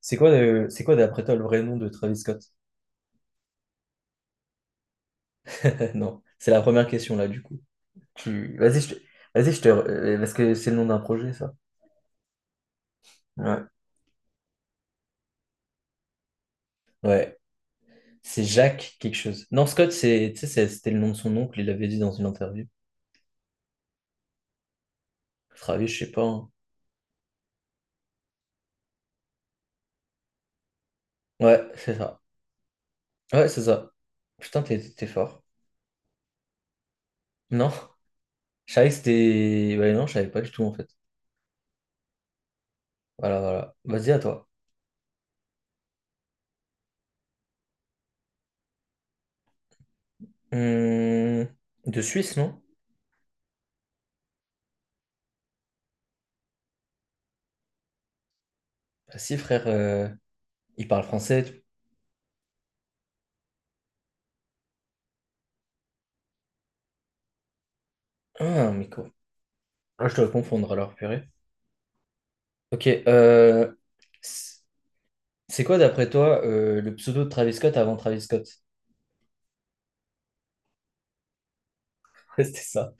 C'est quoi d'après toi le vrai nom de Travis Scott? Non, c'est la première question là du coup. Tu... Vas-y, je te... Vas-y, je te... parce que c'est le nom d'un projet ça. Ouais. Ouais. C'est Jacques quelque chose. Non, Scott, c'est... tu sais, c'était le nom de son oncle, il l'avait dit dans une interview. Travis, je sais pas, hein. Ouais, c'est ça. Ouais, c'est ça. Putain, t'es fort. Non, je savais que c'était... Ouais, non, je savais pas du tout en fait. Voilà, voilà. Vas-y, à toi. Hum, De Suisse, non? Bah si, frère, il parle français. Ah, mais quoi? Ah, je dois confondre alors, purée. Ok, c- c'est quoi d'après toi le pseudo de Travis Scott avant Travis Scott? Ouais, c'était ça.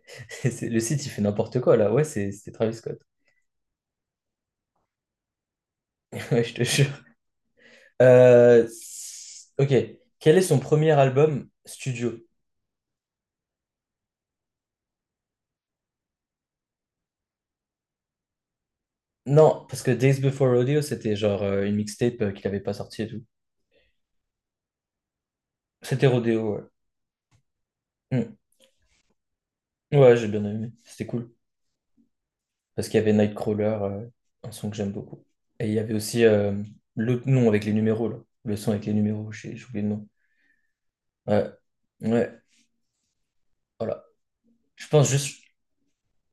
Le site, il fait n'importe quoi là. Ouais, c'était Travis Scott. Ouais, je te jure. Ok, quel est son premier album studio? Non, parce que Days Before Rodeo, c'était genre une mixtape qu'il avait pas sortie et tout. C'était Rodeo, ouais. Hmm. Ouais, j'ai bien aimé. C'était cool. Parce qu'il y avait Nightcrawler, un son que j'aime beaucoup. Et il y avait aussi l'autre nom avec les numéros, là. Le son avec les numéros, j'ai oublié le nom. Ouais, ouais, voilà. Je pense juste,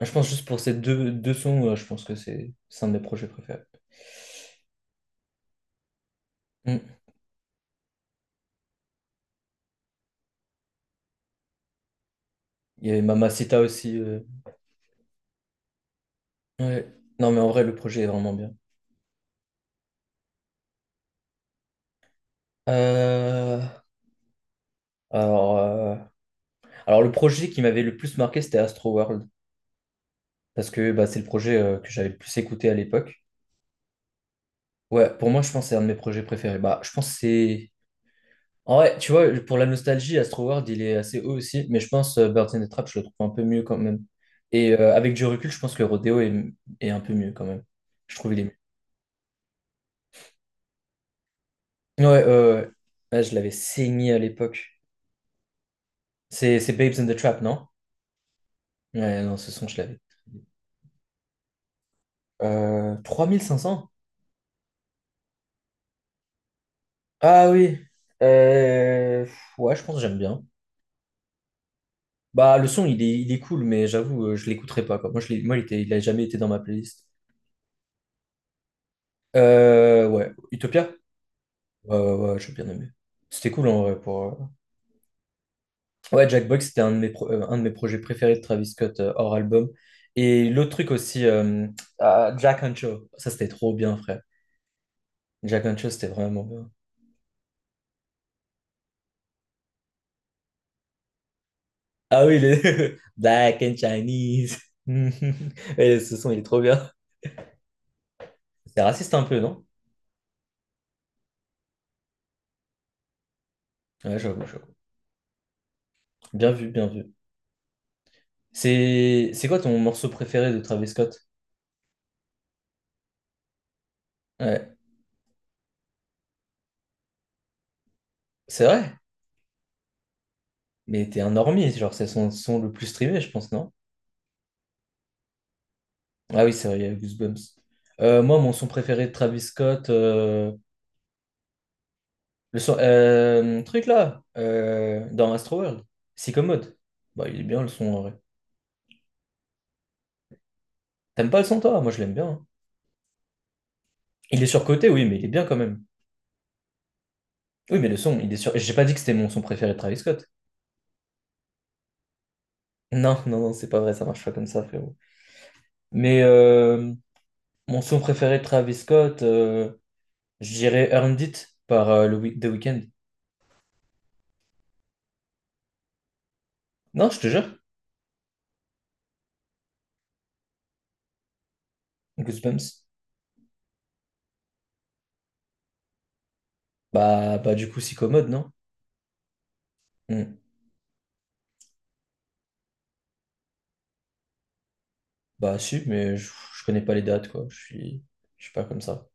je pense juste pour ces deux sons, je pense que c'est un de mes projets préférés. Mm. Il y avait Mamacita aussi, ouais. Non, mais en vrai, le projet est vraiment bien. Euh, Alors, euh, alors, le projet qui m'avait le plus marqué, c'était Astro World, parce que bah, c'est le projet que j'avais le plus écouté à l'époque. Ouais, pour moi, je pense que c'est un de mes projets préférés. Bah, je pense que c'est. En vrai, tu vois, pour la nostalgie, Astroworld, il est assez haut aussi, mais je pense Birds in the Trap, je le trouve un peu mieux quand même. Et avec du recul, je pense que Rodeo est un peu mieux quand même. Je trouve il est mieux. Ouais, ouais. Ouais, je l'avais saigné à l'époque. C'est Babes in the Trap, non? Ouais, non, ce son, je l'avais. 3500. Ah oui. Ouais, je pense que j'aime bien. Bah, le son, il est cool, mais j'avoue, je l'écouterai pas, quoi. Moi, il a jamais été dans ma playlist. Ouais, Utopia? Ouais, ouais, ouais, j'ai bien aimé. C'était cool en vrai pour... Ouais, Jack Boy, c'était un de mes projets préférés de Travis Scott, hors album. Et l'autre truc aussi, Jack and Joe. Ça, c'était trop bien, frère. Jack and Joe, c'était vraiment bien. Ah oui, les... Black and Chinese. Et ce son, il est trop bien. C'est raciste un peu, non? Ouais, j'avoue, j'avoue. Bien vu, bien vu. C'est quoi ton morceau préféré de Travis Scott? Ouais, c'est vrai, mais t'es un normie, genre, c'est son le plus streamé, je pense, non? Ah oui, c'est vrai, il y a Goosebumps. Moi, mon son préféré de Travis Scott, le son, truc là, dans Astroworld, Commode. Bah, il est bien le son en vrai. T'aimes pas le son toi? Moi, je l'aime bien, hein. Il est surcoté, oui, mais il est bien quand même. Oui, mais le son, il est sur. J'ai pas dit que c'était mon son préféré de Travis Scott. Non, non, non, c'est pas vrai, ça marche pas comme ça, frérot. Mais mon son préféré de Travis Scott, je dirais Earned It par The Weeknd. Non, je te jure, Goosebumps. Bah, du coup, Commode, non? Hmm. Bah si, mais je connais pas les dates, quoi. Je suis pas comme ça.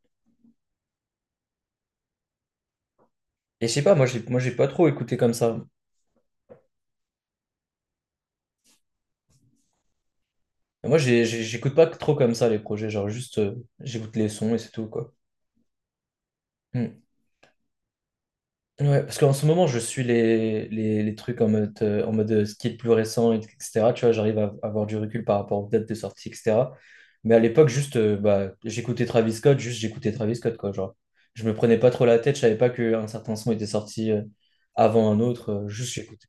Et je sais pas, moi j'ai pas trop écouté comme ça. J'écoute pas trop comme ça les projets, genre juste j'écoute les sons et c'est tout, quoi. Hmm. Ouais, parce qu'en ce moment je suis les trucs en mode, ce qui est le plus récent, etc. Tu vois, j'arrive à avoir du recul par rapport aux dates de sortie, etc. Mais à l'époque, juste bah, j'écoutais Travis Scott, juste j'écoutais Travis Scott, quoi. Genre, je me prenais pas trop la tête, je savais pas qu'un certain son était sorti avant un autre, juste j'écoutais.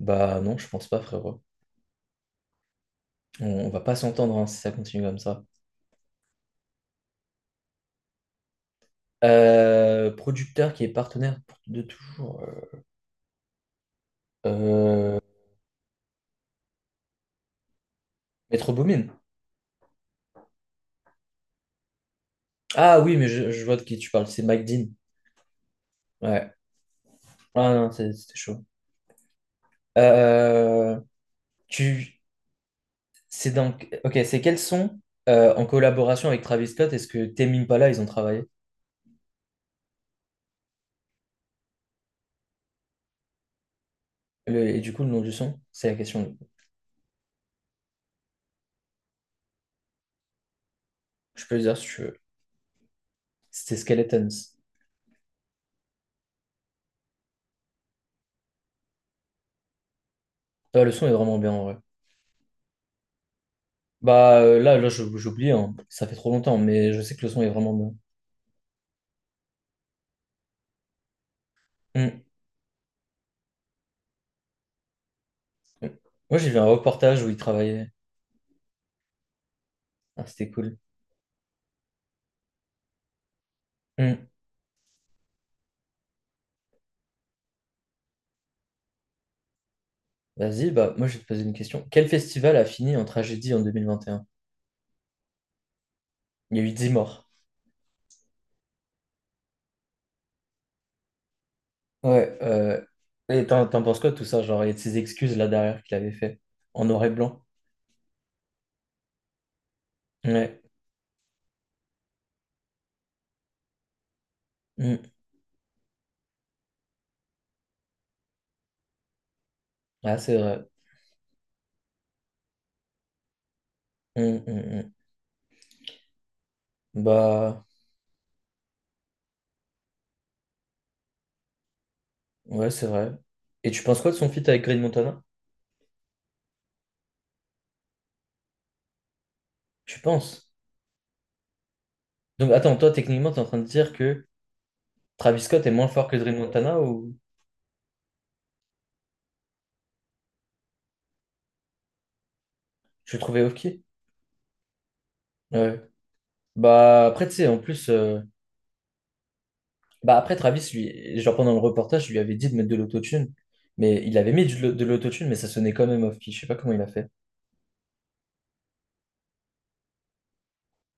Bah non, je pense pas, frérot. On va pas s'entendre, hein, si ça continue comme ça. Producteur qui est partenaire de toujours. Euh, Metro Boomin. Ah oui, mais je vois de qui tu parles. C'est Mike Dean. Ouais. Ah non, c'était chaud. Euh, tu, c'est donc. Ok, c'est quels sons en collaboration avec Travis Scott est-ce que Tame Impala ils ont travaillé? Et du coup, le nom du son, c'est la question. Je peux le dire si tu veux. C'était Skeletons. Ah, le son est vraiment bien en vrai. Bah, là j'oublie, hein. Ça fait trop longtemps, mais je sais que le son est vraiment bien. Mm. Moi, j'ai vu un reportage où il travaillait. Ah, c'était cool. Mm. Vas-y, bah moi, je vais te poser une question. Quel festival a fini en tragédie en 2021? Il y a eu 10 morts. Ouais. Et t'en penses quoi de tout ça? Genre, il y a de ces excuses là derrière qu'il avait fait en noir et blanc. Ouais. Mm. Ah, c'est vrai. Mm, mm, mm. Bah, ouais, c'est vrai. Et tu penses quoi de son feat avec Green Montana? Tu penses? Donc, attends, toi, techniquement, t'es en train de dire que Travis Scott est moins fort que Dream Montana ou je le trouvais ok? Ouais. Bah après tu sais en plus Bah après Travis lui, genre, pendant le reportage je lui avais dit de mettre de l'autotune, mais il avait mis de l'autotune mais ça sonnait quand même off key, je sais pas comment il a fait.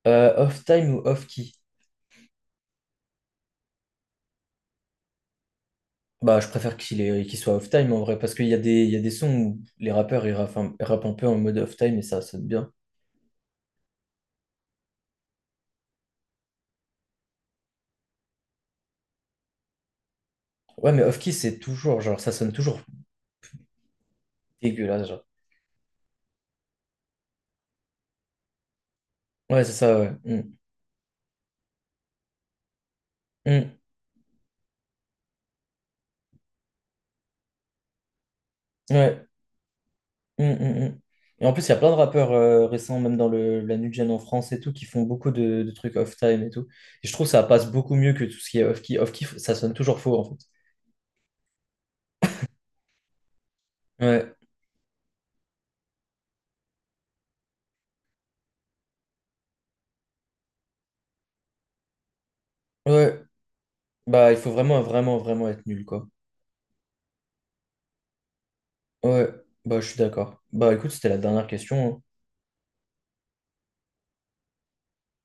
Off time ou off key? Bah je préfère qu'il soit off time en vrai parce qu'il y a des sons où les rappeurs ils rappent, ils rappent un peu en mode off time et ça sonne bien. Ouais mais off key c'est toujours genre ça sonne toujours dégueulasse, genre. Ouais, c'est ça, ouais. Mm. Mm. Ouais. Mm, mm, mm. Et en plus, il y a plein de rappeurs récents, même dans la new gen en France et tout, qui font beaucoup de trucs off-time et tout. Et je trouve que ça passe beaucoup mieux que tout ce qui est off-key. Off-key, ça sonne toujours faux, en fait. Ouais, ouais. Bah, il faut vraiment, vraiment, vraiment être nul, quoi. Ouais, bah, je suis d'accord. Bah, écoute, c'était la dernière question, hein.